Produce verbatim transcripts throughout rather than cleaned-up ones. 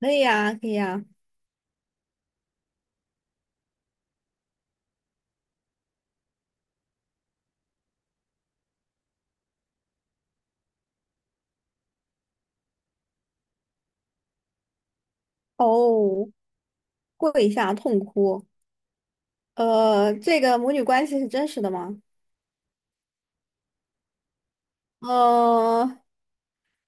可以呀，可以呀。哦，跪下痛哭。呃，这个母女关系是真实的吗？呃，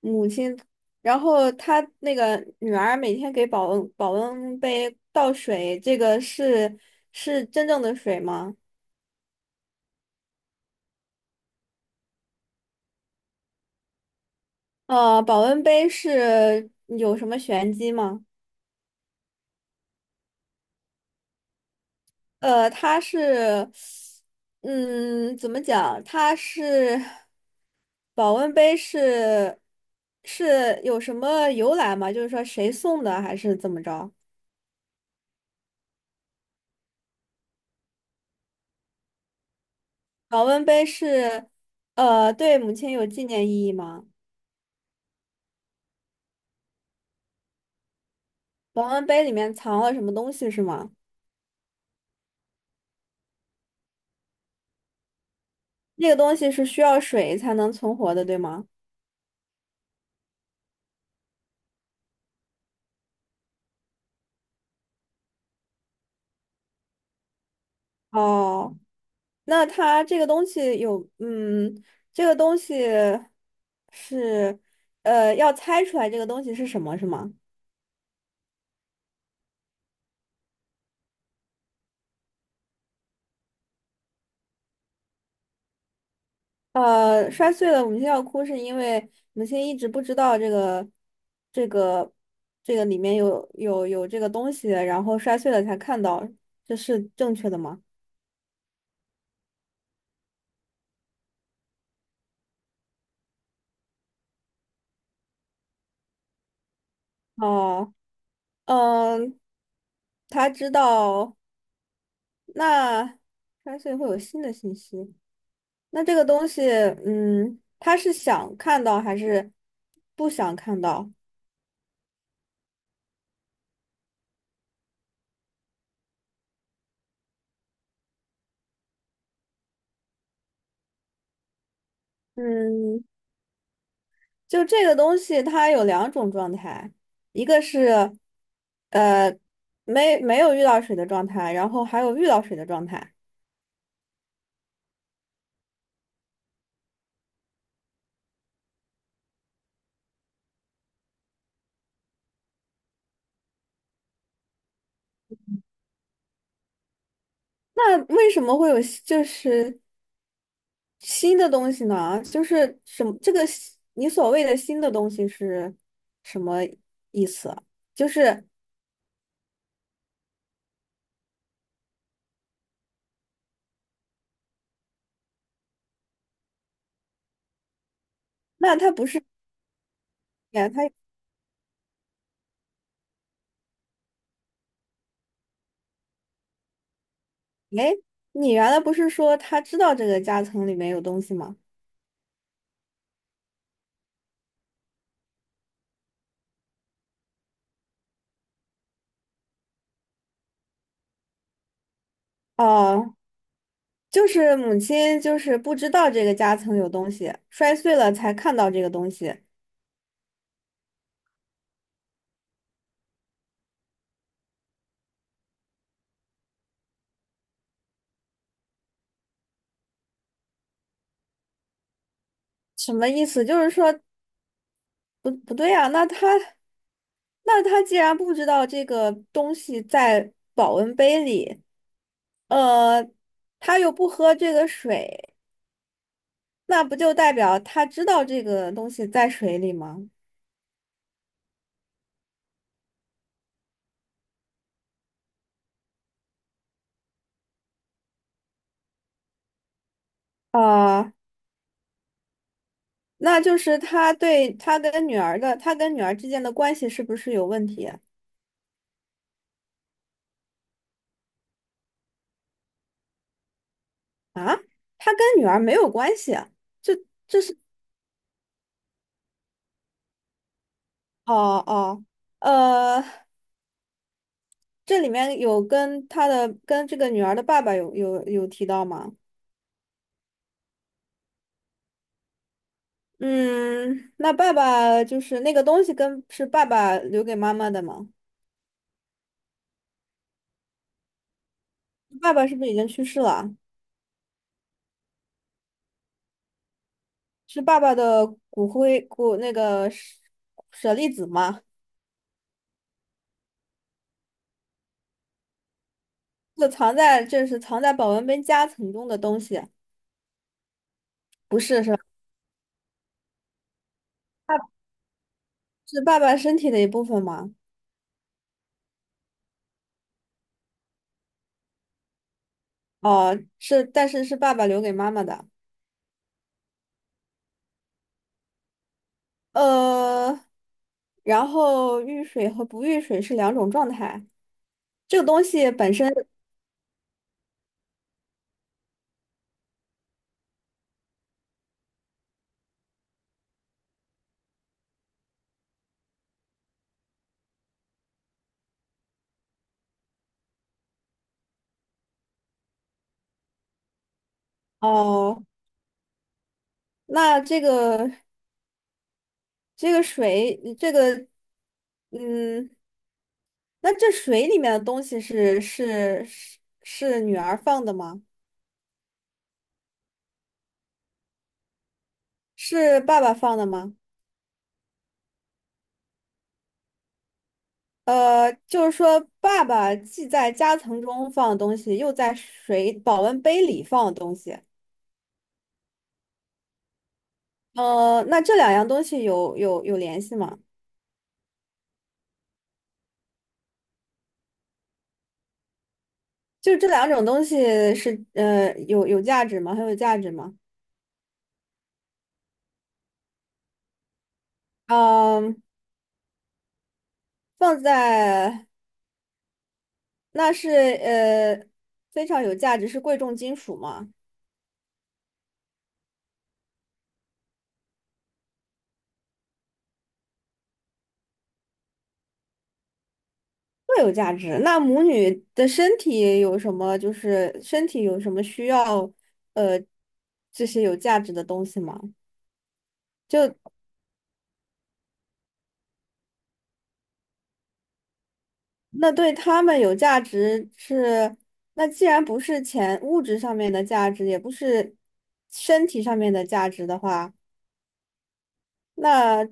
母亲，然后她那个女儿每天给保温保温杯倒水，这个是是真正的水吗？呃，保温杯是有什么玄机吗？呃，它是，嗯，怎么讲？它是保温杯是是有什么由来吗？就是说谁送的，还是怎么着？保温杯是，呃，对母亲有纪念意义吗？保温杯里面藏了什么东西是吗？那个东西是需要水才能存活的，对吗？哦。那它这个东西有，嗯，这个东西是，呃，要猜出来这个东西是什么，是吗？呃，摔碎了，母亲要哭，是因为母亲一直不知道这个，这个，这个里面有有有这个东西，然后摔碎了才看到，这是正确的吗？哦，嗯，他知道，那摔碎会有新的信息。那这个东西，嗯，他是想看到还是不想看到？嗯，就这个东西，它有两种状态，一个是呃没没有遇到水的状态，然后还有遇到水的状态。那为什么会有新就是新的东西呢？就是什么这个新你所谓的新的东西是什么意思啊？就是那它不是它哎，你原来不是说他知道这个夹层里面有东西吗？哦，就是母亲就是不知道这个夹层有东西，摔碎了才看到这个东西，什么意思？就是说不不对啊，那他那他既然不知道这个东西在保温杯里，呃，他又不喝这个水，那不就代表他知道这个东西在水里吗？啊、那就是他对他跟女儿的，他跟女儿之间的关系是不是有问题啊？他跟女儿没有关系啊，就哦哦，呃，这里面有跟他的跟这个女儿的爸爸有有有提到吗？嗯，那爸爸就是那个东西跟是爸爸留给妈妈的吗？爸爸是不是已经去世了啊？是爸爸的骨灰骨那个舍舍利子吗？就藏在这是藏在保温杯夹层中的东西，不是是吧？爸是爸爸身体的一部分吗？哦，是，但是是爸爸留给妈妈的。呃，然后遇水和不遇水是两种状态。这个东西本身，哦，那这个这个水，这个嗯，那这水里面的东西是是是是女儿放的吗？是爸爸放的吗？呃，就是说，爸爸既在夹层中放的东西，又在水保温杯里放的东西。呃，那这两样东西有有有联系吗？就是这两种东西是呃有有价值吗？很有价值吗？嗯，放在那是呃非常有价值，是贵重金属吗？会有价值。那母女的身体有什么？就是身体有什么需要呃这些有价值的东西吗？就。那对他们有价值是，那既然不是钱物质上面的价值，也不是身体上面的价值的话，那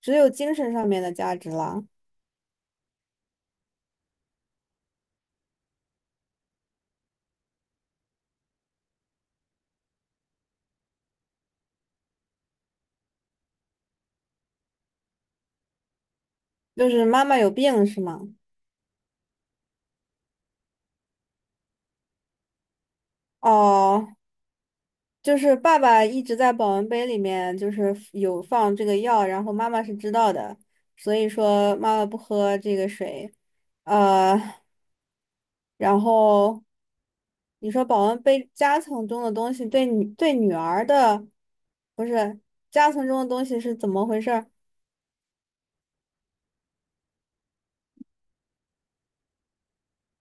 只有精神上面的价值了。就是妈妈有病是吗？哦，就是爸爸一直在保温杯里面就是有放这个药，然后妈妈是知道的，所以说妈妈不喝这个水，呃。然后你说保温杯夹层中的东西对女对女儿的不是夹层中的东西是怎么回事儿？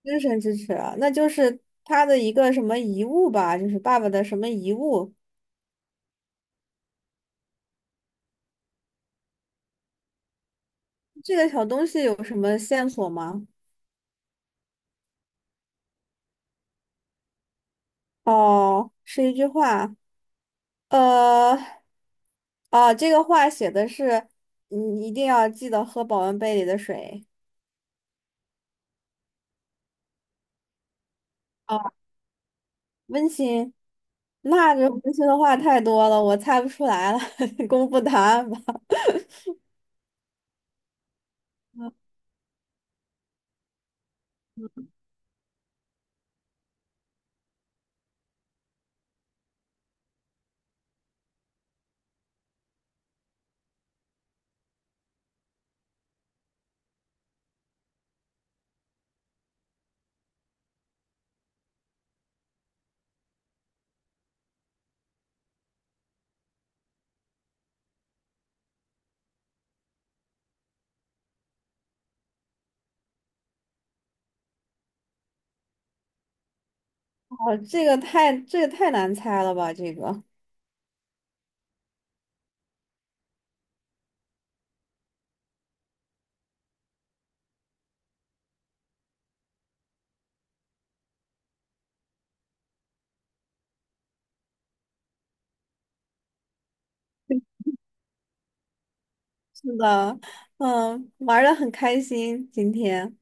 精神支持啊那就是他的一个什么遗物吧，就是爸爸的什么遗物？这个小东西有什么线索吗？哦，是一句话，呃，哦，这个话写的是你一定要记得喝保温杯里的水。温馨，那这温馨的话太多了，我猜不出来了，公布答案吧。哦这个太这个太难猜了吧？这个是的，嗯，玩的很开心今天，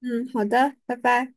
嗯，好的，拜拜。